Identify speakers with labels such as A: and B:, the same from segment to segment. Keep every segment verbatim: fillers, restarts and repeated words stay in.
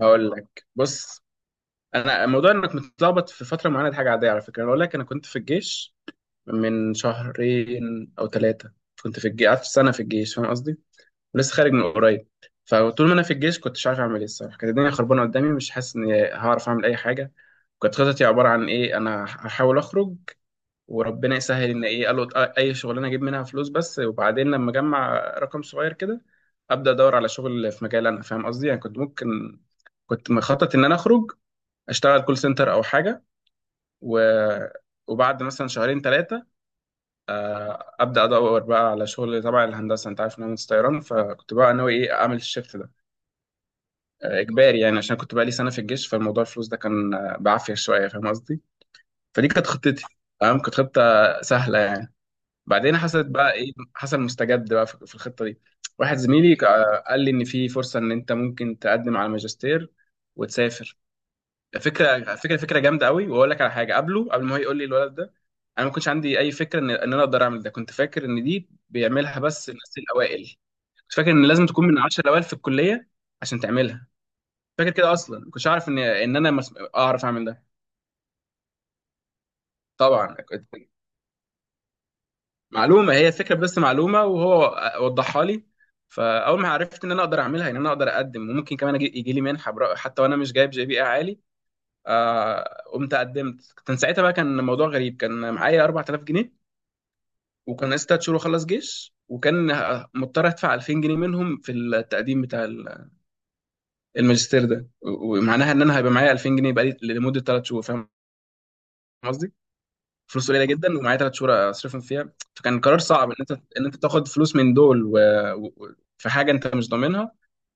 A: هقول لك، بص. انا موضوع انك متلخبط في فتره معينه دي حاجه عاديه على فكره. انا اقول لك انا كنت في الجيش من شهرين او ثلاثه. كنت في الجيش قعدت سنه في الجيش، فاهم قصدي؟ ولسه خارج من قريب. فطول ما انا في الجيش كنت مش عارف اعمل ايه الصراحه، كانت الدنيا خربانه قدامي مش حاسس اني هعرف اعمل اي حاجه. كانت خطتي عباره عن ايه؟ انا هحاول اخرج وربنا يسهل، ان ايه، قالوا اي شغلانه اجيب منها فلوس بس، وبعدين لما اجمع رقم صغير كده ابدا ادور على شغل في مجال، انا فاهم قصدي؟ يعني كنت ممكن كنت مخطط ان انا اخرج اشتغل كول سنتر او حاجه، و... وبعد مثلا شهرين ثلاثه ابدا ادور بقى على شغل تبع الهندسه. انت عارف ان انا مهندس طيران، فكنت بقى ناوي ايه؟ اعمل الشيفت ده، آه، اجباري يعني، عشان كنت بقى لي سنه في الجيش، فالموضوع الفلوس ده كان آه، بعافيه شويه، فاهم قصدي؟ فدي كانت خطتي. تمام، كانت خطه سهله يعني. بعدين حصلت بقى ايه؟ حصل مستجد بقى في في الخطه دي. واحد زميلي آه، قال لي ان في فرصه ان انت ممكن تقدم على ماجستير وتسافر. فكره فكره فكره جامده قوي. واقول لك على حاجه قبله، قبل ما هو يقول لي الولد ده انا ما كنتش عندي اي فكره ان ان انا اقدر اعمل ده، كنت فاكر ان دي بيعملها بس الناس الاوائل، كنت فاكر ان لازم تكون من عشرة الاوائل في الكليه عشان تعملها. فاكر كده، اصلا ما كنتش اعرف ان ان انا مس... اعرف اعمل ده. طبعا كنت- معلومه، هي فكره بس معلومه، وهو وضحها لي. فاول ما عرفت ان انا اقدر اعملها، ان انا اقدر اقدم وممكن كمان أجي... يجي لي منحه برا... حتى وانا مش جايب جي بي اي عالي. آه... قمت قدمت. كان ساعتها بقى كان الموضوع غريب، كان معايا اربعة آلاف جنيه، وكان لسه تلات شهور وخلص جيش، وكان مضطر ادفع الفين جنيه منهم في التقديم بتاع ال- الماجستير ده، و- ومعناها ان انا هيبقى معايا الفين جنيه بقالي لمده ثلاث شهور، فاهم قصدي؟ فلوس قليله جدا ومعايا ثلاث شهور اصرفهم فيها، فكان قرار صعب ان انت ان انت تاخد فلوس من دول و... و... و- في حاجه انت مش ضامنها،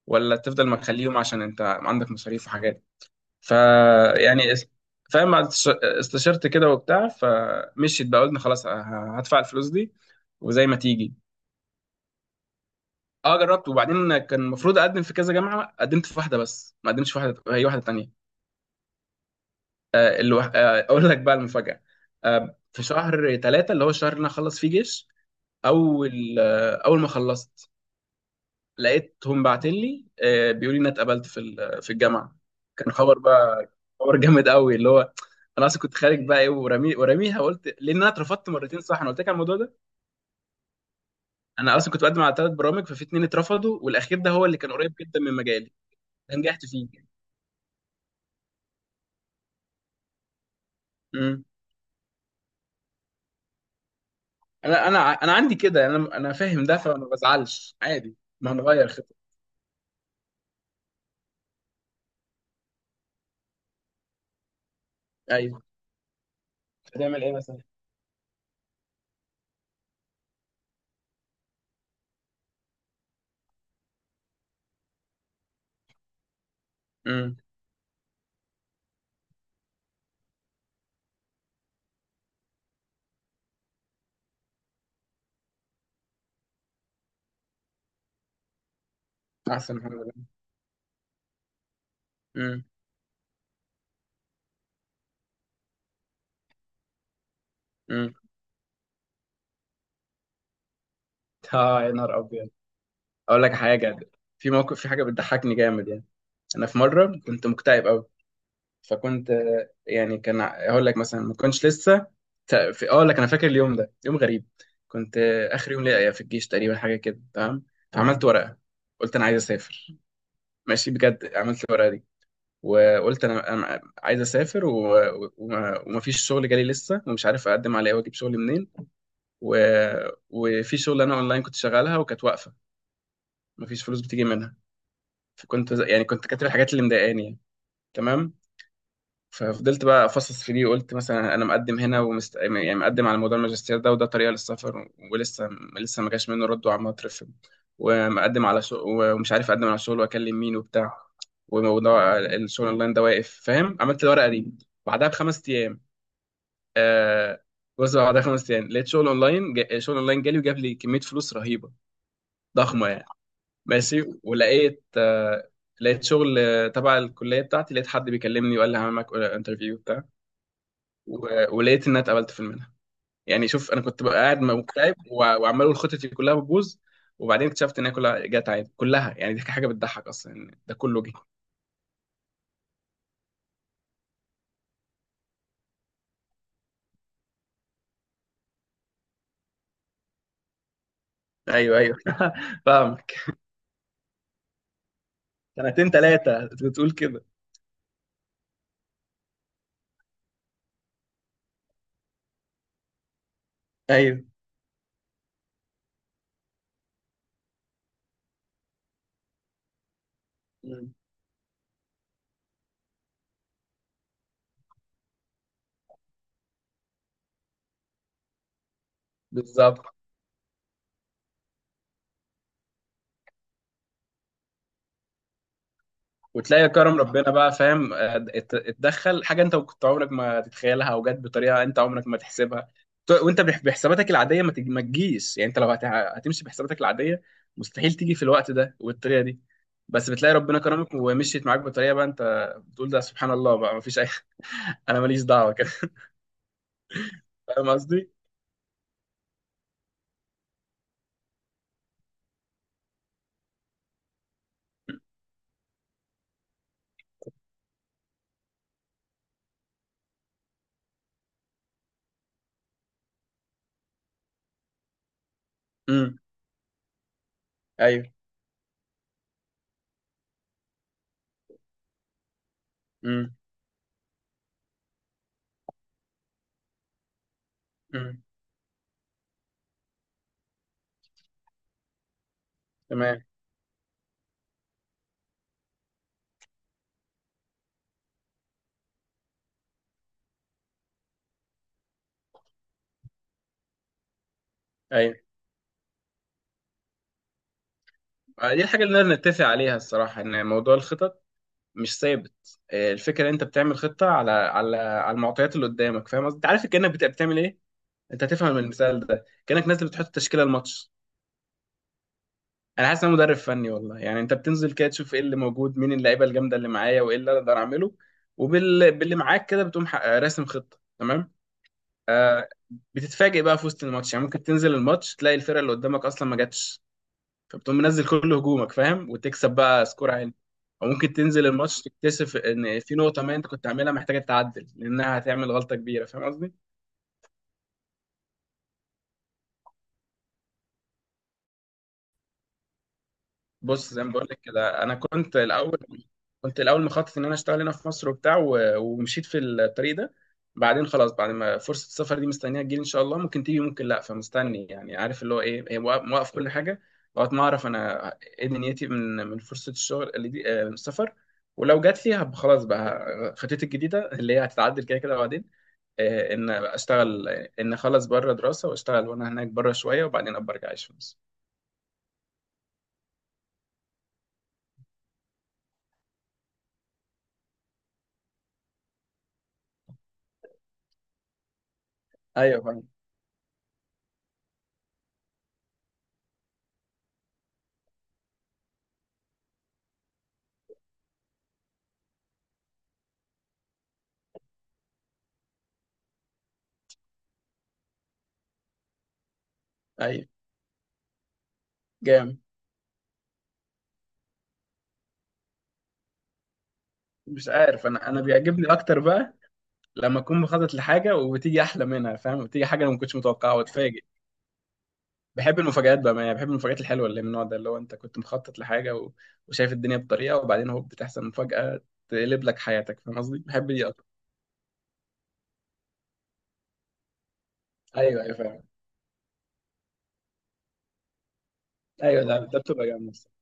A: ولا تفضل مخليهم عشان انت عندك مصاريف وحاجات. فيعني اس- فاهم؟ بعد استش- استشرت كده وبتاع، فمشيت بقى، قلنا خلاص ه- هدفع الفلوس دي وزي ما تيجي. اه جربت. وبعدين كان المفروض اقدم في كذا جامعه، قدمت في واحده بس ما قدمتش في واحده، هي واحده تانية. آه الو... آه اقول لك بقى المفاجاه. آه، في شهر ثلاثة اللي هو الشهر اللي انا اخلص فيه جيش، اول آه اول ما خلصت لقيتهم باعتين لي، آه بيقولوا لي ان أنا اتقبلت في ال- في الجامعه. كان خبر بقى، خبر جامد قوي، اللي هو انا اصلا كنت خارج بقى، ايه ورمي ورميها، قلت لان انا اترفضت مرتين. صح، انا قلت لك على الموضوع ده. انا اصلا كنت بقدم على ثلاث برامج، ففي اتنين اترفضوا والاخير ده هو اللي كان قريب جدا من مجالي، ده نجحت فيه. مم. انا انا ع- انا عندي كده، انا انا فاهم ده فما بزعلش عادي. ما هنغير خطة. ايوه. هتعمل ايه مثلا؟ امم. احسن الحمد لله. امم، امم. اه يا نهار ابيض. اقول لك حاجه، في موقف في حاجه بتضحكني جامد يعني. انا في مره كنت مكتئب قوي، فكنت، آه، يعني كان ع- اقول لك مثلا، ما كنتش لسه، ت- في اقول لك انا فاكر اليوم ده يوم غريب. كنت آه، اخر يوم ليا في الجيش تقريبا، حاجه كده. تمام. اه، فعملت ورقه، قلت انا عايز اسافر. ماشي، بجد عملت الورقه دي، وقلت انا انا عايز اسافر، و- و- ومفيش شغل جالي لسه ومش عارف اقدم على ايه واجيب شغل منين. و... وفي شغل انا اونلاين كنت شغالها وكانت واقفه، مفيش فلوس بتيجي منها. فكنت ز- يعني كنت كاتب الحاجات اللي مضايقاني يعني. تمام. ففضلت بقى افصص في دي، وقلت مثلا انا مقدم هنا ومست... يعني مقدم على موضوع الماجستير ده، وده طريقه للسفر، ولسه لسه ما جاش منه رد وعمال اترفض، ومقدم على شغل، ومش عارف اقدم على شغل واكلم مين وبتاع، وموضوع الشغل اونلاين ده واقف، فاهم؟ عملت الورقه دي بعدها بخمس ايام. آه... بص، بعدها بخمس ايام لقيت شغل اونلاين، جا... شغل اونلاين جالي وجاب لي كميه فلوس رهيبه، ضخمه يعني. ماشي، ولقيت آه... لقيت شغل آه، تبع الكليه بتاعتي، لقيت حد بيكلمني وقال لي هعمل معاك انترفيو، و- ولقيت ان انا اتقبلت في المنحه. يعني شوف، انا كنت بقى قاعد مكتئب وع- وعمال اقول خطتي كلها بتبوظ، وبعدين اكتشفت ان هي كلها جت عادي، كلها يعني، دي حاجه بتضحك اصلا يعني، ده كله جه. ايوه ايوه فاهمك. سنتين ثلاثه بتقول كده. ايوه. مم. بالظبط. وتلاقي كرم ربنا بقى، فاهم؟ آه، ات- اتدخل حاجه انت كنت عمرك ما تتخيلها، او جت بطريقه انت عمرك ما تحسبها، ت- وانت بح- بحساباتك العاديه ما تج- ما تجيش، يعني انت لو هت- هتمشي بحساباتك العاديه مستحيل تيجي في الوقت ده والطريقه دي، بس بتلاقي ربنا كرمك ومشيت معاك بطريقه بقى انت بتقول ده سبحان الله بقى، ما فيش اي. انا ماليش دعوه كده. فاهم قصدي؟ امم. ايوه. امم، امم. تمام. ايوه. آه، دي الحاجه اللي نقدر نتفق عليها الصراحه، ان موضوع الخطط مش ثابت. آه، الفكره إن انت بتعمل خطه على على على المعطيات اللي قدامك، فاهم قصدي؟ انت عارف كانك بت- بتعمل ايه. انت هتفهم من المثال ده، كانك نازل بتحط تشكيله الماتش، انا حاسس ان انا مدرب فني، والله يعني انت بتنزل كده تشوف ايه اللي موجود، مين اللعيبه الجامده اللي معايا، وايه اللي أنا اقدر اعمله، وبال باللي معاك كده بتقوم ح- آه، راسم خطه. تمام. آه، بتتفاجئ بقى في وسط الماتش، يعني ممكن تنزل الماتش تلاقي الفرقه اللي قدامك اصلا ما جاتش، فبتقوم منزل كل هجومك، فاهم؟ وتكسب بقى سكور عالي. او ممكن تنزل الماتش تكتشف ان في نقطه ما انت كنت عاملها محتاجه تعدل، لانها هتعمل غلطه كبيره، فاهم قصدي؟ بص، زي ما بقول لك كده، انا كنت الاول كنت الاول مخطط ان انا اشتغل هنا في مصر وبتاع، و- ومشيت في الطريق ده. بعدين خلاص، بعد ما فرصه السفر دي مستنيه تجيلي ان شاء الله، ممكن تيجي ممكن لا، فمستني يعني، عارف اللي هو ايه، هي موقف موقف كل حاجه لغايه ما اعرف انا ايه دنيتي من من فرصه الشغل اللي دي، آه، السفر. ولو جات لي هب- خلاص بقى، خطتي الجديده اللي هي هتتعدل كده كده بعدين، آه، ان اشتغل، آه، ان اخلص بره دراسه واشتغل وانا هناك بره شويه، وبعدين ابقى ارجع اعيش في مصر. ايوه فاهم. ايوه جامد. مش عارف، انا انا بيعجبني اكتر بقى لما اكون مخطط لحاجه وبتيجي احلى منها، فاهم؟ بتيجي حاجه انا ما كنتش متوقعها واتفاجئ. بحب المفاجآت بقى، ما يعني بحب المفاجآت الحلوه اللي من النوع ده، اللي هو انت كنت مخطط لحاجه و... وشايف الدنيا بطريقه، وبعدين هو بتحصل مفاجاه تقلب لك حياتك، فاهم قصدي؟ بحب دي اكتر. ايوه ايوه فاهم. ايوه، ده ده بتبقى جامد الصراحة.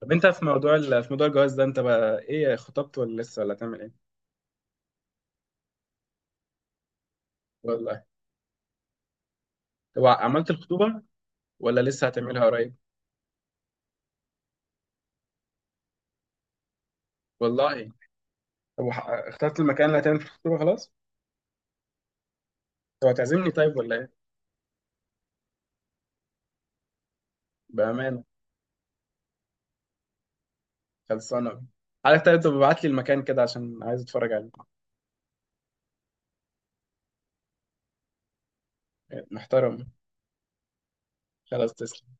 A: طب انت في موضوع ال... في موضوع الجواز ده انت بقى ايه، خطبت ولا لسه ولا هتعمل ايه؟ والله. طب عملت الخطوبه ولا لسه هتعملها قريب؟ والله. طب وح- اخترت المكان اللي هتعمل في الخطوبه خلاص؟ طب هتعزمني طيب ولا ايه؟ بأمانة. خلصانة. حضرتك طيب تبقى ابعت لي المكان كده عشان عايز اتفرج عليه. إيه، محترم. خلاص، تسلم.